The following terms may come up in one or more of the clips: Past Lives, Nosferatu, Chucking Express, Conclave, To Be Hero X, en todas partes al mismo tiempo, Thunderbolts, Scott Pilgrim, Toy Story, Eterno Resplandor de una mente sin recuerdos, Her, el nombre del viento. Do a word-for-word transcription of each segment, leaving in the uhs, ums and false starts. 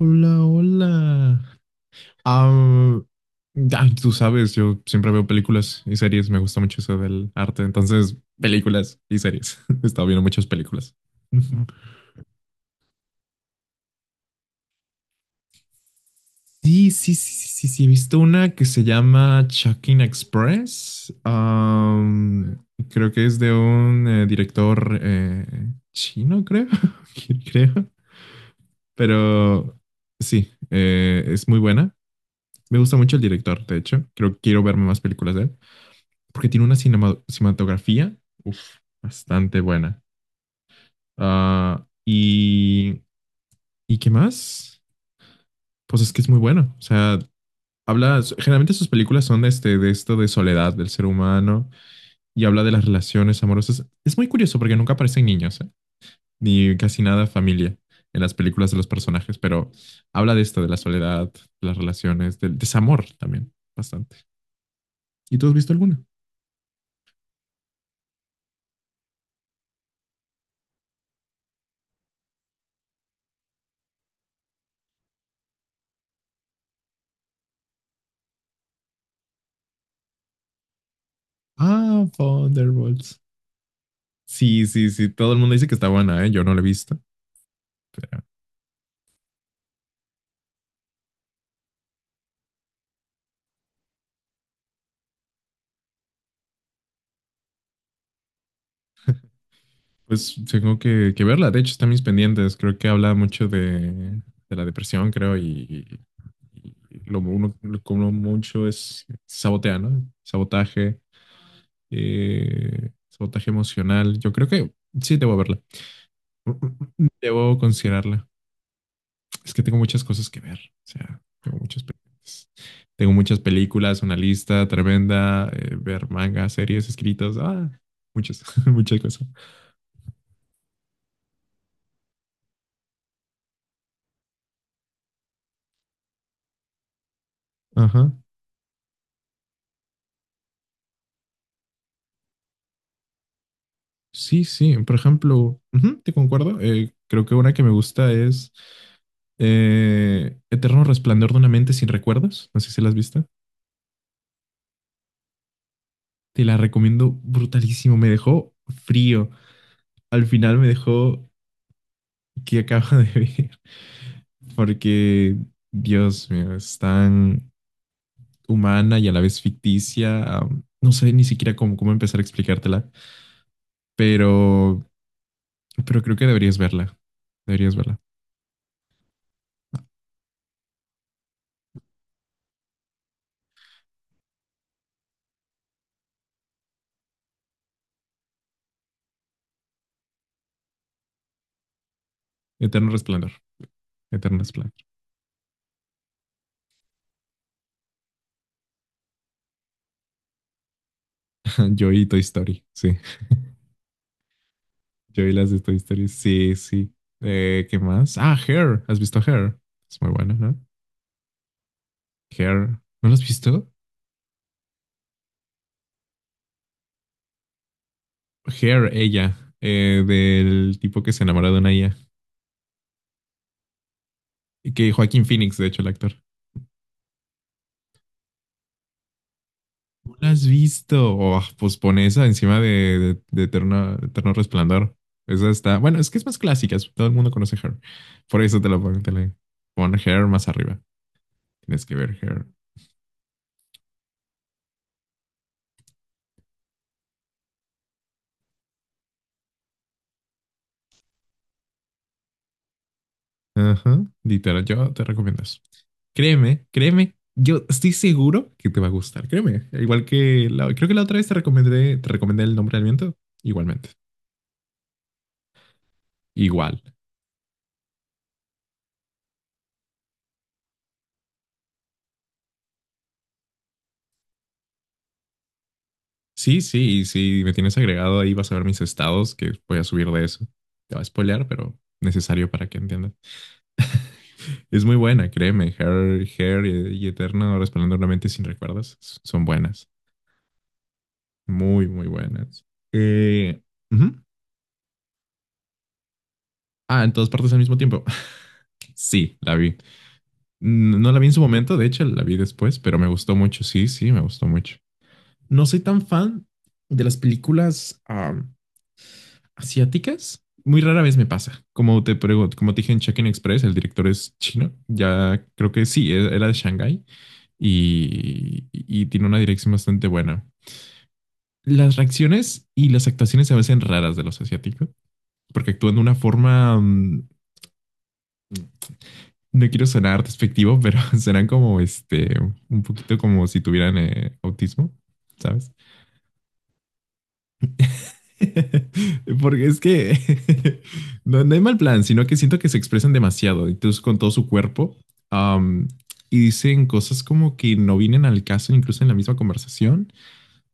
Hola, hola. Ah, ay, tú sabes, yo siempre veo películas y series, me gusta mucho eso del arte, entonces películas y series. He estado viendo muchas películas. Ujú. Sí, sí, sí, sí, sí, sí, he visto una que se llama Chucking Express. Am, creo que es de un eh, director eh, chino, creo, creo, pero sí, eh, es muy buena. Me gusta mucho el director, de hecho, creo que quiero verme más películas de él, porque tiene una cinema- cinematografía, uf, bastante buena. Ah, y, ¿Y qué más? Pues es que es muy bueno. O sea, habla, generalmente sus películas son de, este, de esto de soledad del ser humano, y habla de las relaciones amorosas. Es muy curioso porque nunca aparecen niños, ¿eh? Ni casi nada familia en las películas de los personajes, pero habla de esto, de la soledad, de las relaciones, del desamor también, bastante. ¿Y tú has visto alguna? Ah, Thunderbolts. Sí, sí, sí, todo el mundo dice que está buena, ¿eh? Yo no la he visto, pero pues tengo que, que verla. De hecho, están mis pendientes. Creo que habla mucho de, de la depresión, creo, y, y lo uno, lo que uno mucho es sabotear, ¿no? Sabotaje, eh, sabotaje emocional. Yo creo que sí, debo verla. Debo considerarla. Es que tengo muchas cosas que ver. O sea, tengo muchas películas. Tengo muchas películas, una lista tremenda, eh, ver mangas, series, escritas, ah, muchas, muchas cosas. Ajá. Sí, sí. Por ejemplo, ujú, te concuerdo. Eh, creo que una que me gusta es, eh, Eterno Resplandor de una mente sin recuerdos. No sé si la has visto. Te la recomiendo brutalísimo. Me dejó frío. Al final me dejó que acaba de ver. Porque, Dios mío, es tan humana y a la vez ficticia. Am, no sé ni siquiera cómo, cómo empezar a explicártela, pero, pero creo que deberías verla. Deberías verla. Eterno Resplandor. Eterno Resplandor. Yo y Toy Story. Sí. Yo y las de Toy Story. Sí, sí. Eh, ¿qué más? Ah, Hair. ¿Has visto Hair? Es muy buena, ¿no? Hair. ¿No lo has visto? Hair, ella. Eh, del tipo que se enamora de una I A. Que Joaquín Phoenix, de hecho, el actor. ¿Lo has visto? Oh, pues pon esa encima de, de, de Eterno, Eterno Resplandor. Esa está. Bueno, es que es más clásica. es- Todo el mundo conoce Her. Por eso te la pongo. Te la- pon Her más arriba. Tienes que ver Her. Ajá. Literal, yo te recomiendo eso. Créeme, créeme. Yo estoy seguro que te va a gustar. Créeme. Igual que la, creo que la otra vez te recomendé, te recomendé el nombre del viento. Igualmente. Igual. Sí, sí, y si me tienes agregado ahí vas a ver mis estados que voy a subir de eso. Te va a spoilear, pero necesario para que entiendas. Es muy buena, créeme. Hair, Hair y, y Eterno Resplandor de una mente sin recuerdos s- son buenas. Muy, muy buenas. Eh, ujú. Ah, en todas partes al mismo tiempo. Sí, la vi. N- No la vi en su momento, de hecho, la vi después, pero me gustó mucho. Sí, sí, me gustó mucho. No soy tan fan de las películas, ah, asiáticas, muy rara vez me pasa. Como te pregunto, como te dije en Check-in Express, el director es chino. Ya creo que sí, e- era de Shanghái y, y tiene una dirección bastante buena. Las reacciones y las actuaciones se me hacen raras de los asiáticos, porque actúan de una forma, mm, no quiero sonar despectivo, pero serán como este, un poquito como si tuvieran eh, autismo, ¿sabes? Porque es que, no, no hay mal plan, sino que siento que se expresan demasiado, incluso con todo su cuerpo, am, y dicen cosas como que no vienen al caso, incluso en la misma conversación.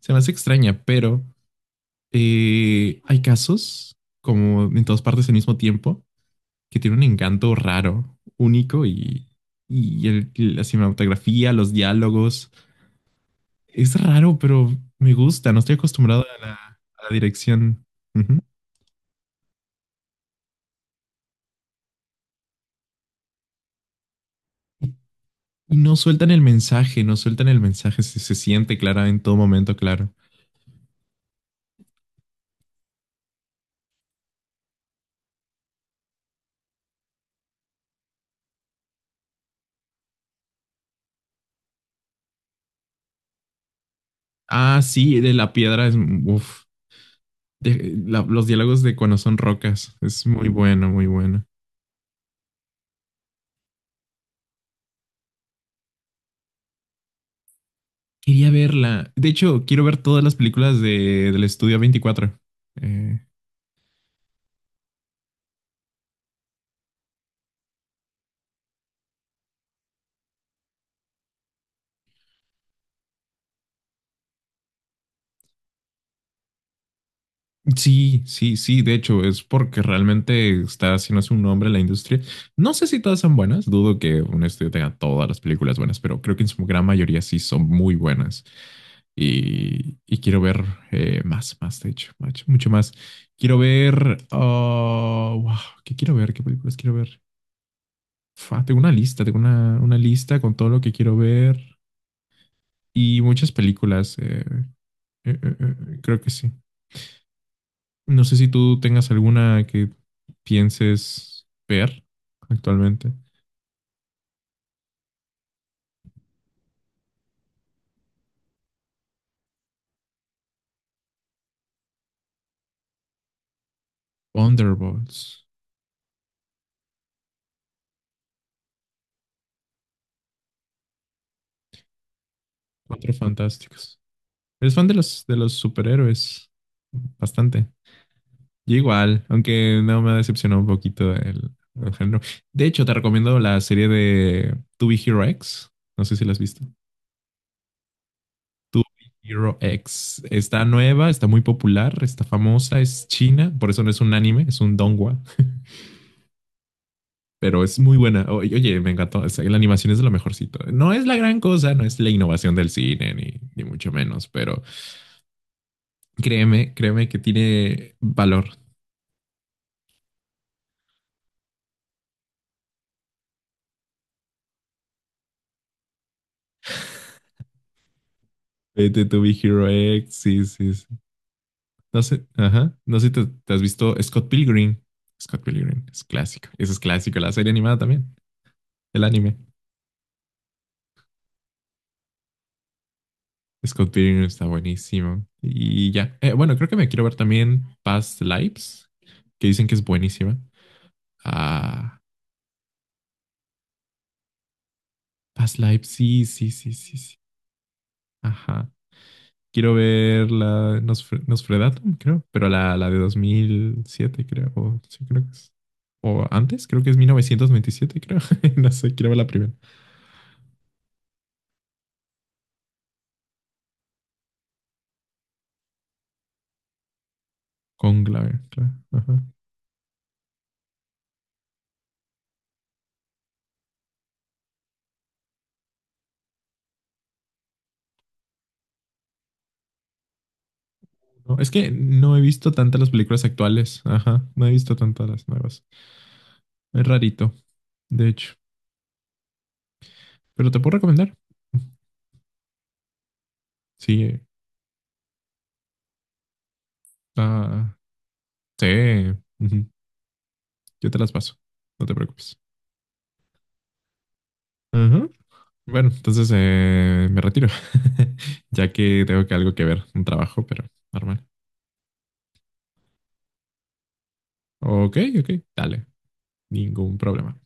Se me hace extraña, pero eh, hay casos, como en todas partes al mismo tiempo, que tienen un encanto raro, único, y, y el- la cinematografía, los diálogos. Es raro, pero me gusta, no estoy acostumbrado a la, a la dirección. Y no sueltan el mensaje, no sueltan el mensaje, se, se siente clara en todo momento, claro. Ah, sí, de la piedra es, uf, de- la- los diálogos de cuando son rocas, es muy bueno, muy bueno. Quería verla, de hecho, quiero ver todas las películas de, del estudio veinticuatro. Eh, sí, sí, sí, de hecho, es porque realmente está haciendo un nombre en la industria. No sé si todas son buenas, dudo que un estudio tenga todas las películas buenas, pero creo que en su gran mayoría sí son muy buenas. Y, y quiero ver, eh, más, más, de hecho, mucho, mucho más. Quiero ver. Oh, wow, ¿qué quiero ver? ¿Qué películas quiero ver? Fua, tengo una lista, tengo una, una lista con todo lo que quiero ver y muchas películas. Eh, eh, eh, eh, creo que sí. No sé si tú tengas alguna que pienses ver actualmente. Thunderbolts. Cuatro fantásticos. ¿Eres fan de los, de los superhéroes? Bastante. Yo igual, aunque no me decepcionó un poquito el, el género. De hecho, te recomiendo la serie de To Be Hero X. No sé si la has visto. To Be Hero X. Está nueva, está muy popular, está famosa, es china. Por eso no es un anime, es un donghua. Pero es muy buena. O- y Oye, me encantó. O sea, la animación es de lo mejorcito. No es la gran cosa, no es la innovación del cine, ni, ni mucho menos. Pero créeme, créeme que tiene valor. Vete To Be Hero X. Sí, sí, sí. No sé, ajá. No sé si te, te has visto Scott Pilgrim. Scott Pilgrim es clásico. Eso es clásico. La serie animada también. El anime. Scott Pilgrim está buenísimo. Y ya. Eh, bueno, creo que me quiero ver también Past Lives, que dicen que es buenísima. Ah, Past Lives, sí, sí, sí, sí, sí. Ajá. Quiero ver la Nosfer- Nosferatu, creo, pero la, la de dos mil siete, creo. O, sí, creo que es. O antes, creo que es mil novecientos noventa y siete, creo. No sé, quiero ver la primera. Conclave, claro. No, es que no he visto tantas las películas actuales. Ajá, no he visto tantas las nuevas. Es rarito, de hecho. Pero te puedo recomendar. Sí, eh, ah, sí. Ujú, yo te las paso. No te preocupes. Ajá. Bueno, entonces eh, me retiro. Ya que tengo que algo que ver, un trabajo, pero normal. Ok, ok, dale. Ningún problema.